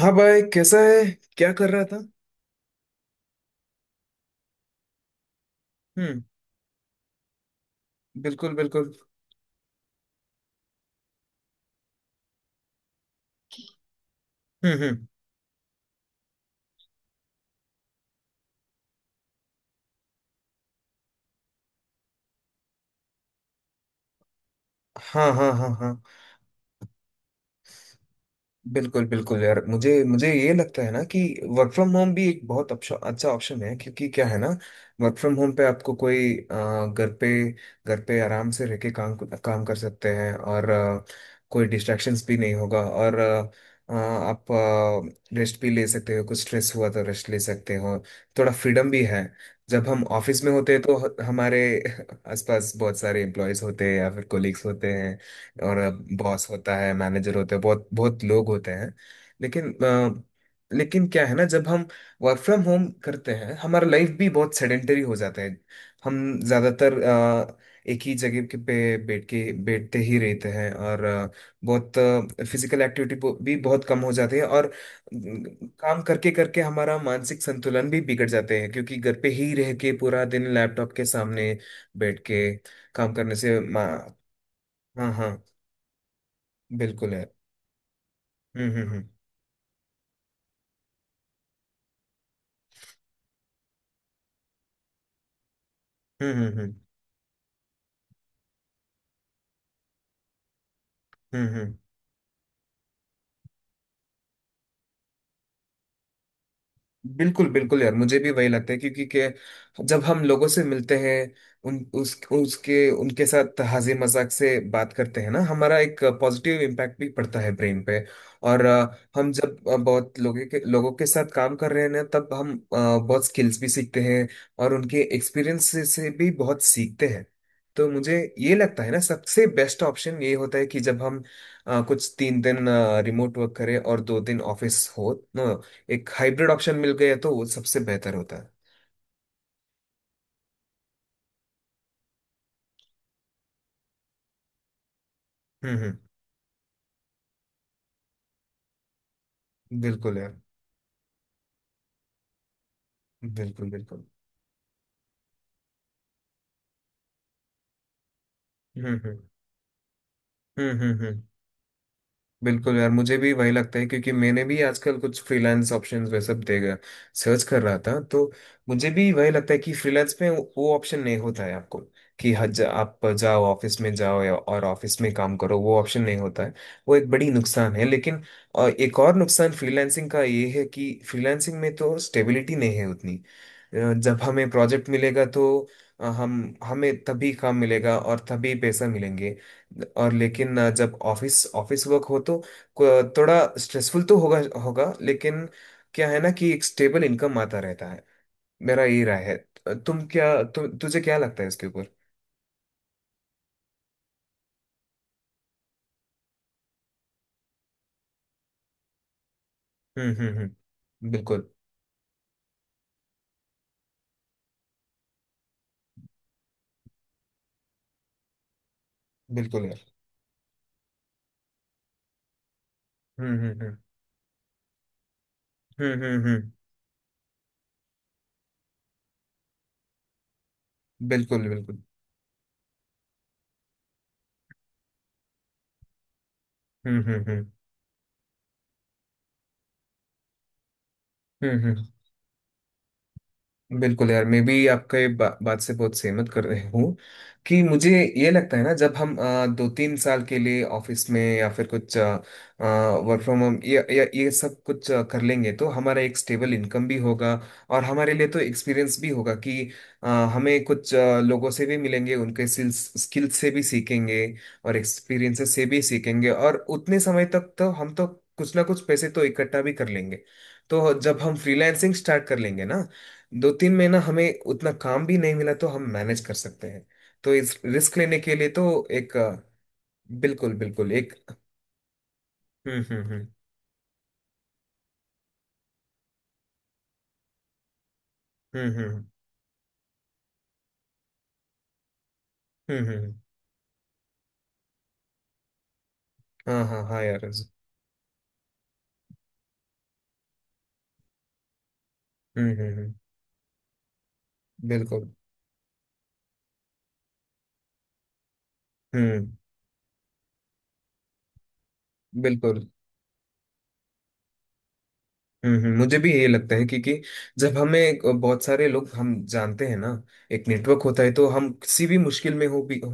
हाँ भाई कैसा है। क्या कर रहा था। हम्म। बिल्कुल बिल्कुल। हम्म। हाँ हाँ हाँ हाँ। बिल्कुल बिल्कुल यार मुझे मुझे ये लगता है ना कि वर्क फ्रॉम होम भी एक बहुत अच्छा अच्छा ऑप्शन है क्योंकि क्या है ना। वर्क फ्रॉम होम पे आपको कोई घर पे आराम से रह के काम काम कर सकते हैं और कोई डिस्ट्रैक्शंस भी नहीं होगा और आप रेस्ट भी ले सकते हो कुछ स्ट्रेस हुआ तो रेस्ट ले सकते हो। थोड़ा फ्रीडम भी है। जब हम ऑफिस में होते हैं तो हमारे आसपास बहुत सारे एम्प्लॉयज होते हैं या फिर कोलिग्स होते हैं। और बॉस होता है मैनेजर होते हैं बहुत बहुत लोग होते हैं। लेकिन अ, लेकिन क्या है ना जब हम वर्क फ्रॉम होम करते हैं हमारा लाइफ भी बहुत सेडेंटरी हो जाता है। हम ज़्यादातर एक ही जगह के पे बैठ के बैठते ही रहते हैं और बहुत फिजिकल एक्टिविटी भी बहुत कम हो जाती है और काम करके करके हमारा मानसिक संतुलन भी बिगड़ जाते हैं क्योंकि घर पे ही रह के पूरा दिन लैपटॉप के सामने बैठ के काम करने से हाँ हाँ। बिल्कुल है। हम्म हम्म हम्म हम्म हम्म हम्म हम्म, हम्म। बिल्कुल बिल्कुल यार मुझे भी वही लगता है क्योंकि के जब हम लोगों से मिलते हैं उन उस उसके उनके साथ हंसी मजाक से बात करते हैं ना हमारा एक पॉजिटिव इम्पैक्ट भी पड़ता है ब्रेन पे। और हम जब बहुत लोगों के साथ काम कर रहे हैं ना तब हम बहुत स्किल्स भी सीखते हैं। और उनके एक्सपीरियंस से भी बहुत सीखते हैं। तो मुझे ये लगता है ना सबसे बेस्ट ऑप्शन ये होता है कि जब हम कुछ तीन दिन रिमोट वर्क करें और दो दिन ऑफिस हो। एक हाइब्रिड ऑप्शन मिल गया तो वो सबसे बेहतर होता है। हम्म। बिल्कुल यार। बिल्कुल बिल्कुल। हम्म हम्म हम्म। बिल्कुल यार मुझे भी वही लगता है क्योंकि मैंने भी आजकल कुछ फ्रीलांस ऑप्शंस वैसे सब देगा सर्च कर रहा था तो मुझे भी वही लगता है कि फ्रीलांस में वो ऑप्शन नहीं होता है आपको कि हज आप जाओ ऑफिस में जाओ या और ऑफिस में काम करो वो ऑप्शन नहीं होता है। वो एक बड़ी नुकसान है। एक और नुकसान फ्रीलांसिंग का ये है कि फ्रीलांसिंग में तो स्टेबिलिटी नहीं है उतनी। जब हमें प्रोजेक्ट मिलेगा तो अ, हम हमें तभी काम मिलेगा और तभी पैसा मिलेंगे। और लेकिन जब ऑफिस ऑफिस वर्क हो तो थोड़ा स्ट्रेसफुल तो होगा होगा लेकिन क्या है ना कि एक स्टेबल इनकम आता रहता है। मेरा ये राय है। तुम क्या तुझे क्या लगता है इसके ऊपर। हम्म। बिल्कुल बिल्कुल यार। हम्म हम्म हम्म हम्म। बिल्कुल बिल्कुल। हम्म हम्म हम्म हम्म। बिल्कुल यार मैं भी आपके बात से बहुत सहमत कर रहे हूँ कि मुझे ये लगता है ना जब हम दो तीन साल के लिए ऑफिस में या फिर कुछ वर्क फ्रॉम होम ये सब कुछ कर लेंगे तो हमारा एक स्टेबल इनकम भी होगा। और हमारे लिए तो एक्सपीरियंस भी होगा कि अ, हमें कुछ लोगों से भी मिलेंगे उनके स्किल से भी सीखेंगे और एक्सपीरियंसेस से भी सीखेंगे और उतने समय तक तो हम तो कुछ ना कुछ पैसे तो इकट्ठा भी कर लेंगे। तो जब हम फ्रीलांसिंग स्टार्ट कर लेंगे ना दो तीन महीना हमें उतना काम भी नहीं मिला तो हम मैनेज कर सकते हैं। तो इस रिस्क लेने के लिए तो एक बिल्कुल बिल्कुल एक। हम्म हम्म हम्म हम्म हम्म हम्म हम्म, हम्म, हाँ हाँ हाँ यार। हम्म। बिल्कुल। हम्म। बिल्कुल। मुझे भी ये लगता है क्योंकि जब हमें बहुत सारे लोग हम जानते हैं ना एक नेटवर्क होता है तो हम किसी भी मुश्किल में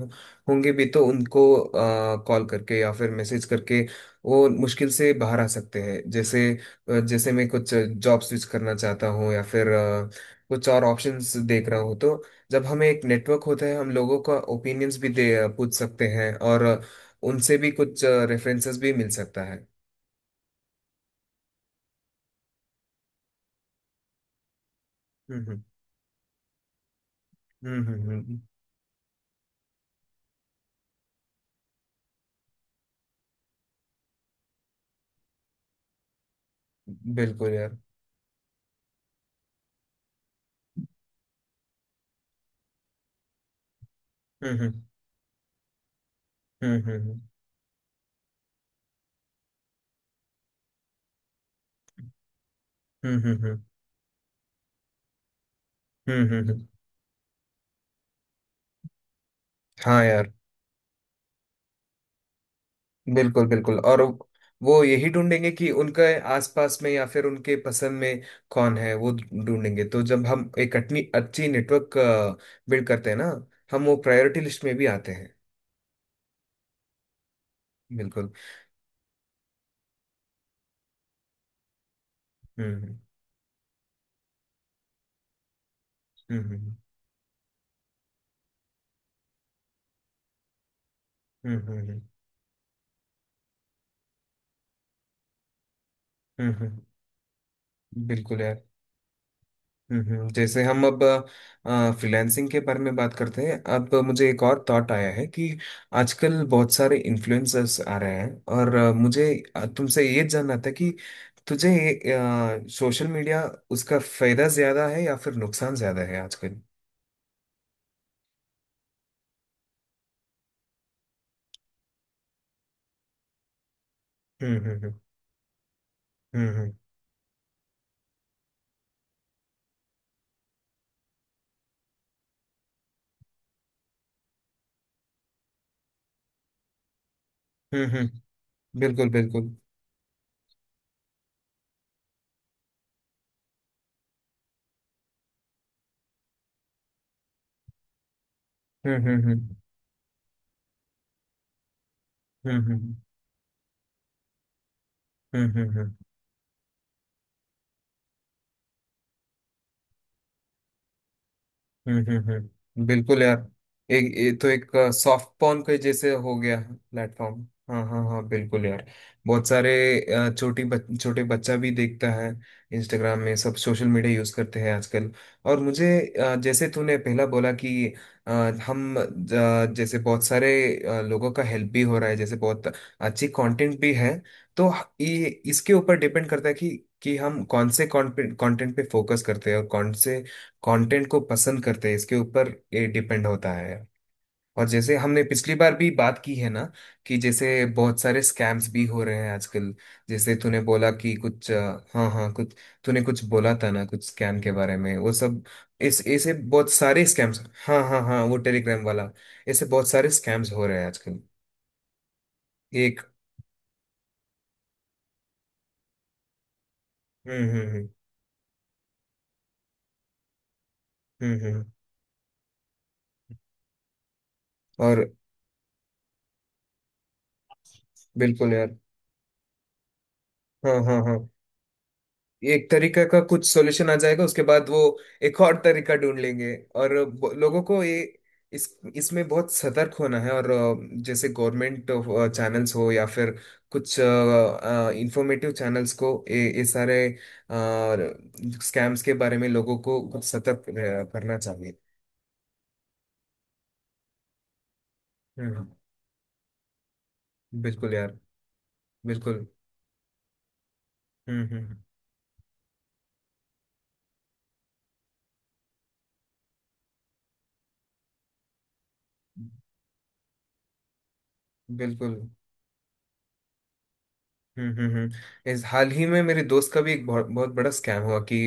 होंगे भी तो उनको कॉल करके या फिर मैसेज करके वो मुश्किल से बाहर आ सकते हैं। जैसे जैसे मैं कुछ जॉब स्विच करना चाहता हूँ या फिर कुछ और ऑप्शंस देख रहा हूँ तो जब हमें एक नेटवर्क होता है हम लोगों का ओपिनियंस भी दे पूछ सकते हैं और उनसे भी कुछ रेफरेंसेस भी मिल सकता है। हम्म हम्म हम्म हम्म हम्म, बिल्कुल यार। हम्म हम्म हम्म हम्म हम्म हम्म हम्म, हम्म, हम्म। हम्म, हम्म। हाँ यार। बिल्कुल बिल्कुल। और वो यही ढूंढेंगे कि उनके आसपास में या फिर उनके पसंद में कौन है वो ढूंढेंगे। तो जब हम एक अटनी अच्छी नेटवर्क बिल्ड करते हैं ना हम वो प्रायोरिटी लिस्ट में भी आते हैं। बिल्कुल। हम्म हम्म हम्म हम्म हम्म हम्म हम्म, हम्म, हम्म, बिल्कुल यार। जैसे हम अब फ्रीलांसिंग के बारे में बात करते हैं अब मुझे एक और थॉट आया है कि आजकल बहुत सारे इन्फ्लुएंसर्स आ रहे हैं और मुझे तुमसे ये जानना था कि तुझे सोशल मीडिया उसका फायदा ज्यादा है या फिर नुकसान ज्यादा है आजकल। हम्म हम्म हम्म हम्म हम्म हम्म, बिल्कुल बिल्कुल। हम्म हम्म हम्म हम्म हम्म हम्म हम्म हम्म बिल्कुल यार। एक ये तो एक सॉफ्ट पॉन के जैसे हो गया प्लेटफॉर्म। हाँ हाँ हाँ बिल्कुल यार। बहुत सारे छोटे बच्चा भी देखता है इंस्टाग्राम में सब सोशल मीडिया यूज करते हैं आजकल। और मुझे जैसे तूने पहला बोला कि अ, हम जैसे बहुत सारे लोगों का हेल्प भी हो रहा है जैसे बहुत अच्छी कंटेंट भी है। तो ये इसके ऊपर डिपेंड करता है कि हम कौन से कंटेंट पे फोकस करते हैं और कौन से कंटेंट को पसंद करते हैं इसके ऊपर ये डिपेंड होता है। और जैसे हमने पिछली बार भी बात की है ना कि जैसे बहुत सारे स्कैम्स भी हो रहे हैं आजकल। जैसे तूने बोला कि कुछ हाँ हाँ कुछ तूने कुछ बोला था ना कुछ स्कैम के बारे में वो सब इस ऐसे बहुत सारे स्कैम्स। हाँ हाँ हाँ वो टेलीग्राम वाला। ऐसे बहुत सारे स्कैम्स हो रहे हैं आजकल। एक हम्म हम्म हम्म हम्म। और बिल्कुल यार। हाँ हाँ हाँ ये एक तरीका का कुछ सॉल्यूशन आ जाएगा उसके बाद वो एक और तरीका ढूंढ लेंगे और लोगों को ये इस इसमें बहुत सतर्क होना है। और जैसे गवर्नमेंट चैनल्स हो या फिर कुछ इंफॉर्मेटिव चैनल्स को ये सारे स्कैम्स के बारे में लोगों को कुछ सतर्क करना चाहिए। हम्म। बिल्कुल यार। बिल्कुल। हम्म हम्म हम्म। बिल्कुल। इस हाल ही में मेरे दोस्त का भी एक बहुत बहुत बड़ा स्कैम हुआ कि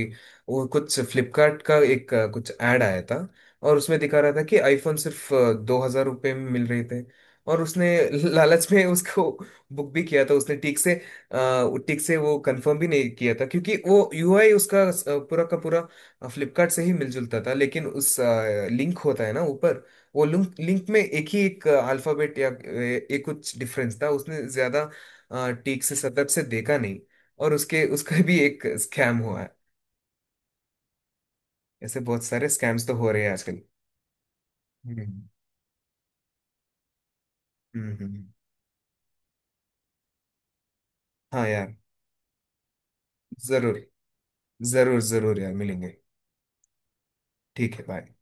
वो कुछ फ्लिपकार्ट का एक कुछ ऐड आया था और उसमें दिखा रहा था कि आईफोन सिर्फ 2000 रुपये में मिल रहे थे और उसने लालच में उसको बुक भी किया था। उसने ठीक से वो ठीक से वो कंफर्म भी नहीं किया था क्योंकि वो यूआई उसका पूरा का पूरा फ्लिपकार्ट से ही मिलजुलता था। लेकिन उस लिंक होता है ना ऊपर वो लिंक लिंक में एक ही एक अल्फाबेट या एक कुछ डिफरेंस था उसने ज्यादा ठीक से सतर्क से देखा नहीं। और उसके उसका भी एक स्कैम हुआ है। ऐसे बहुत सारे स्कैम्स तो हो रहे हैं आजकल। हम्म हम्म हम्म, हाँ यार। जरूर। जरूर यार मिलेंगे। ठीक है बाय।